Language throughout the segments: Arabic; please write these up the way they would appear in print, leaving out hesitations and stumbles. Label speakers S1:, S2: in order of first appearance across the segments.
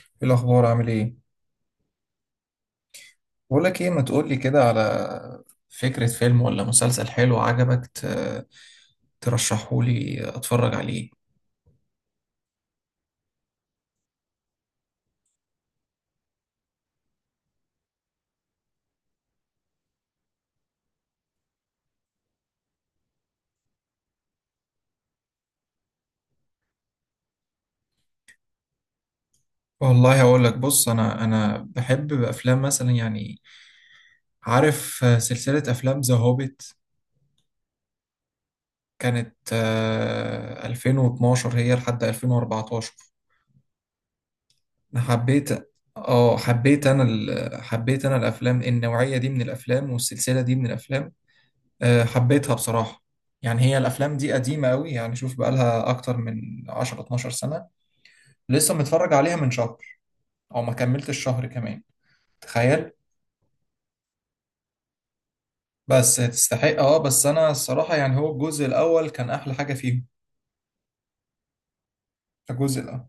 S1: ايه الاخبار عامل ايه؟ بقول لك ايه، ما تقول لي كده على فكرة فيلم ولا مسلسل حلو عجبك ترشحه لي اتفرج عليه. والله هقول لك، بص انا بحب افلام مثلا يعني. عارف سلسلة افلام ذا هوبيت؟ كانت 2012 هي لحد 2014. انا حبيت. حبيت انا الافلام النوعية دي من الافلام، والسلسلة دي من الافلام. حبيتها بصراحة. يعني هي الأفلام دي قديمة أوي، يعني شوف بقالها أكتر من 10 12 سنة. لسه متفرج عليها من شهر أو ما كملتش الشهر كمان، تخيل. بس تستحق. بس أنا الصراحة يعني هو الجزء الأول كان أحلى حاجة فيهم. الجزء الأول.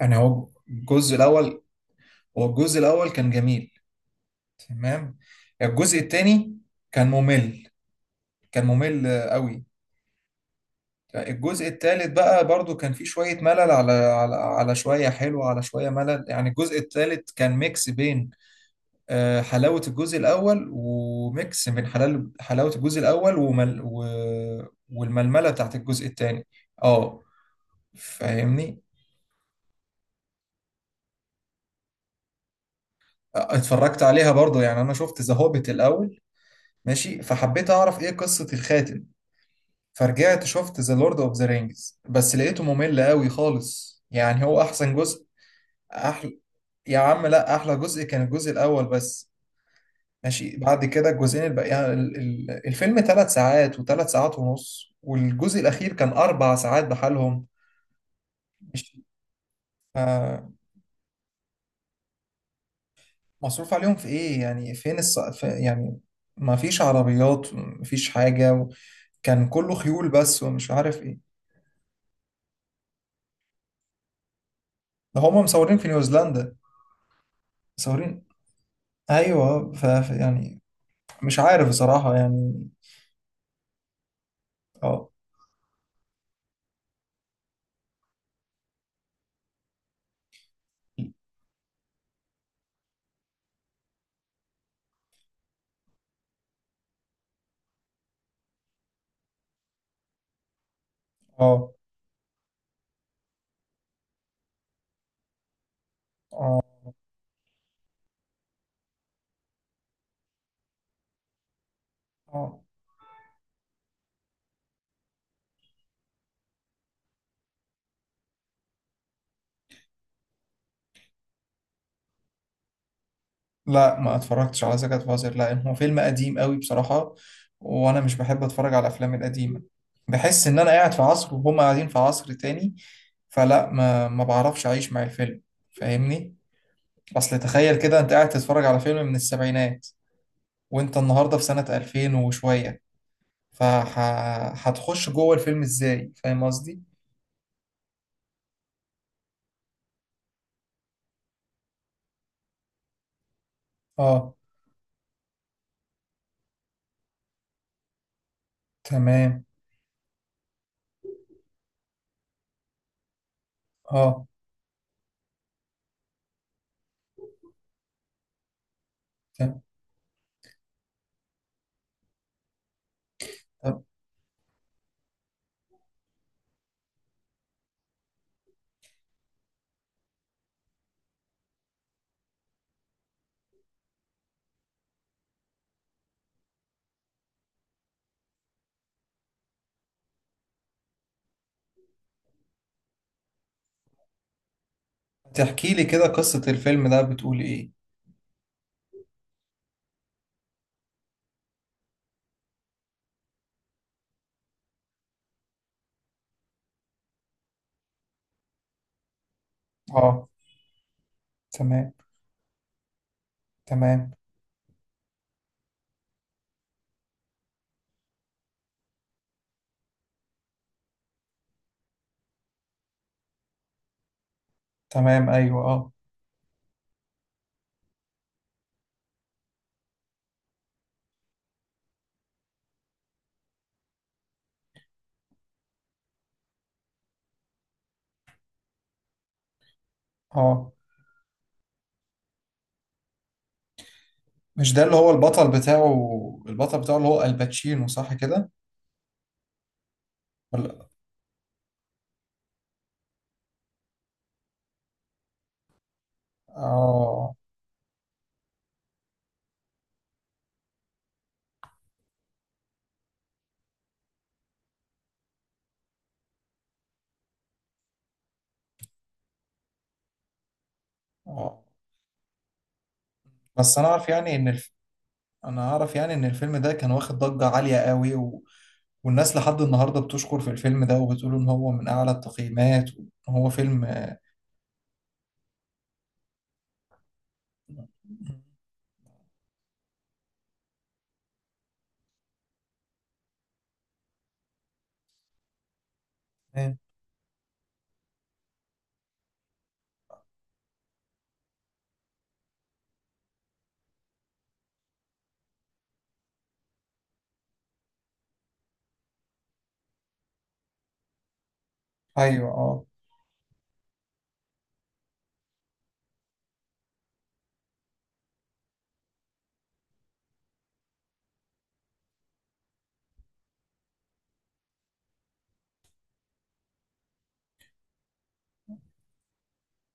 S1: يعني هو الجزء الأول، هو الجزء الأول كان جميل، تمام. الجزء التاني كان ممل، كان ممل أوي. يعني الجزء الثالث بقى برضو كان فيه شوية ملل، على شوية حلو، على شوية ملل. يعني الجزء الثالث كان ميكس بين حلاوة الجزء الأول، وميكس من حلال حلاوة الجزء الأول ومل والململة بتاعت الجزء الثاني. اه، فاهمني. اتفرجت عليها برضو. يعني أنا شفت ذا هوبيت الأول، ماشي، فحبيت أعرف إيه قصة الخاتم. فرجعت شفت ذا لورد أوف ذا رينجز، بس لقيته ممل قوي خالص. يعني هو أحسن جزء؟ يا عم لا، احلى جزء كان الجزء الاول بس. ماشي، بعد كده الجزئين الباقيين الفيلم ثلاث ساعات، وثلاث ساعات ونص، والجزء الاخير كان اربع ساعات بحالهم. مش آه، مصروف عليهم في ايه يعني؟ فين في يعني ما فيش عربيات، ما فيش حاجة كان كله خيول بس، ومش عارف ايه. ده هما مصورين في نيوزيلندا، مصورين. ايوه، يعني مش عارف بصراحة يعني. اه، اه، اه، اه. لا ما اتفرجتش على زكاة فازر، لا هو فيلم قديم قوي بصراحة. وانا مش بحب اتفرج على الافلام القديمة. بحس ان انا قاعد في عصر وهم قاعدين في عصر تاني. فلا ما بعرفش اعيش مع الفيلم، فاهمني. اصل تخيل كده انت قاعد تتفرج على فيلم من السبعينات، وانت النهاردة في سنة 2000 وشوية، فهتخش جوه الفيلم ازاي؟ فاهم قصدي. اه، تمام. اه، تمام. طب تحكي لي كده قصة الفيلم ده بتقول ايه؟ اه، تمام. تمام. تمام. ايوه، اه، اه. مش ده اللي هو البطل بتاعه؟ البطل بتاعه اللي هو الباتشينو، صح كده؟ ولا؟ اه، اه. بس انا اعرف يعني ان انا اعرف يعني ان الفيلم ده كان واخد ضجة عالية قوي والناس لحد النهاردة بتشكر في الفيلم ده، وبتقول ان هو من اعلى التقييمات، وان هو فيلم. إيه؟ ايوه، اه،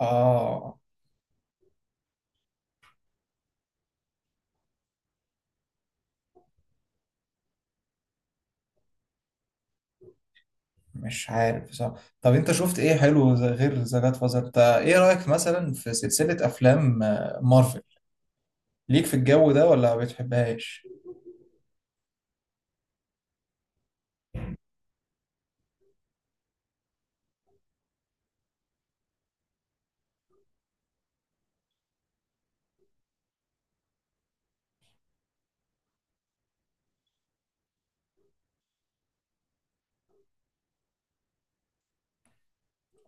S1: اه. مش عارف بصراحة. طب انت شفت ايه حلو غير ذا جاد فازر؟ انت ايه رأيك مثلا في سلسلة افلام مارفل؟ ليك في الجو ده ولا ما بتحبهاش؟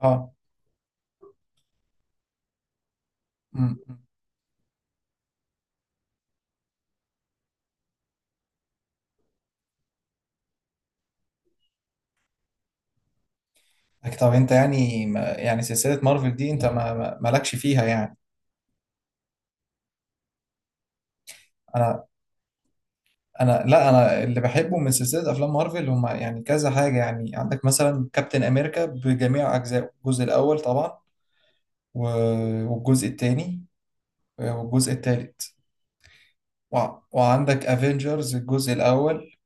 S1: اه. امم لكن طب انت يعني، ما يعني سلسلة مارفل دي انت مالكش فيها يعني؟ انا انا لا، انا اللي بحبه من سلسلة افلام مارفل هم يعني كذا حاجة. يعني عندك مثلا كابتن امريكا بجميع اجزائه، الجزء الاول طبعا، والجزء الثاني، والجزء الثالث. وعندك افنجرز الجزء الاول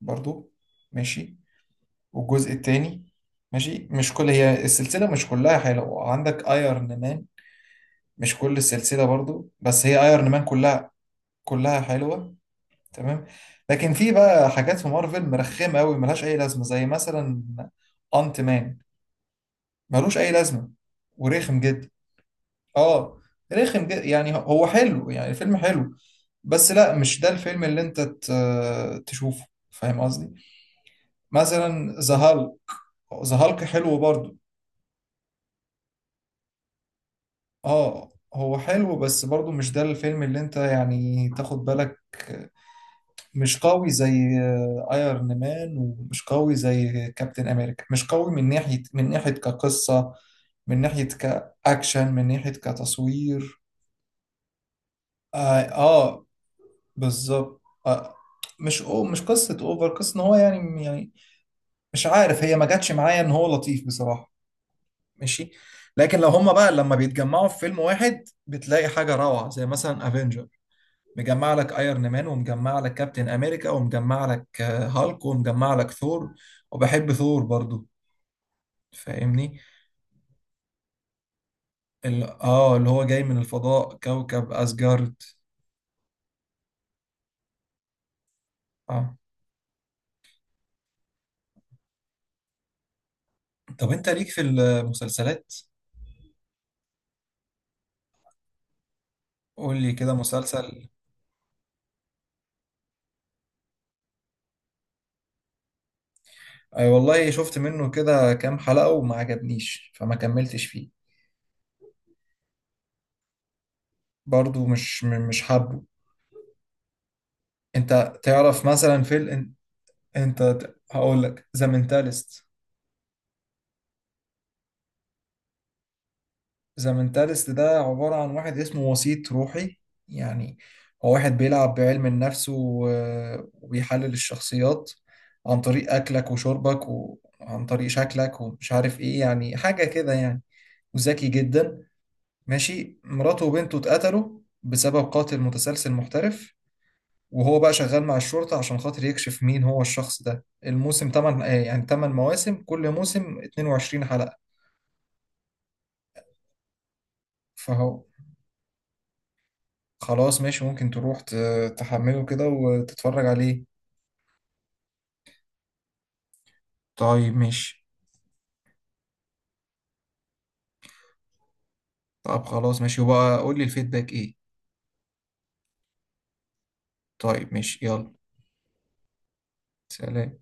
S1: برضو، ماشي، والجزء الثاني ماشي. مش كل، هي السلسلة مش كلها حلوة. عندك ايرون مان، مش كل السلسلة برضو، بس هي ايرون مان كلها، كلها حلوة، تمام. لكن في بقى حاجات في مارفل مرخمة قوي ملهاش اي لازمة، زي مثلا انت مان، ملوش اي لازمة، ورخم جدا. اه، رخم جدا. يعني هو حلو، يعني الفيلم حلو، بس لا، مش ده الفيلم اللي انت تشوفه، فاهم قصدي؟ مثلا ذا هالك. ذا هالك حلو برضو. اه، هو حلو بس برضو مش ده الفيلم اللي انت يعني تاخد بالك. مش قوي زي ايرون مان، ومش قوي زي كابتن امريكا. مش قوي من ناحية كقصة، من ناحية كأكشن، من ناحية كتصوير. اه، آه، بالظبط، آه. مش أو مش قصة اوفر. قصة ان هو يعني مش عارف، هي ما جاتش معايا، ان هو لطيف بصراحة، ماشي. لكن لو هما بقى لما بيتجمعوا في فيلم واحد، بتلاقي حاجة روعة، زي مثلا افنجرز، مجمع لك ايرون مان، ومجمع لك كابتن امريكا، ومجمع لك هالك، ومجمع لك ثور. وبحب ثور برضو، فاهمني. ال... اه اللي هو جاي من الفضاء، كوكب اسجارد. اه. طب انت ليك في المسلسلات؟ قول لي كده مسلسل. اي والله، شفت منه كده كام حلقة وما عجبنيش، فما كملتش فيه. برضو مش حابه. انت تعرف مثلا في انت هقول لك ذا مينتالست. زمنتالست ده عبارة عن واحد اسمه وسيط روحي. يعني هو واحد بيلعب بعلم النفس وبيحلل الشخصيات عن طريق أكلك وشربك، وعن طريق شكلك ومش عارف إيه، يعني حاجة كده يعني، وذكي جدا، ماشي. مراته وبنته اتقتلوا بسبب قاتل متسلسل محترف، وهو بقى شغال مع الشرطة عشان خاطر يكشف مين هو الشخص ده. الموسم تمن، يعني تمن مواسم، كل موسم 22 حلقة. فهو خلاص ماشي، ممكن تروح تحمله كده وتتفرج عليه. طيب ماشي. طب خلاص ماشي، وبقى قول لي الفيدباك ايه. طيب ماشي، يلا، سلام.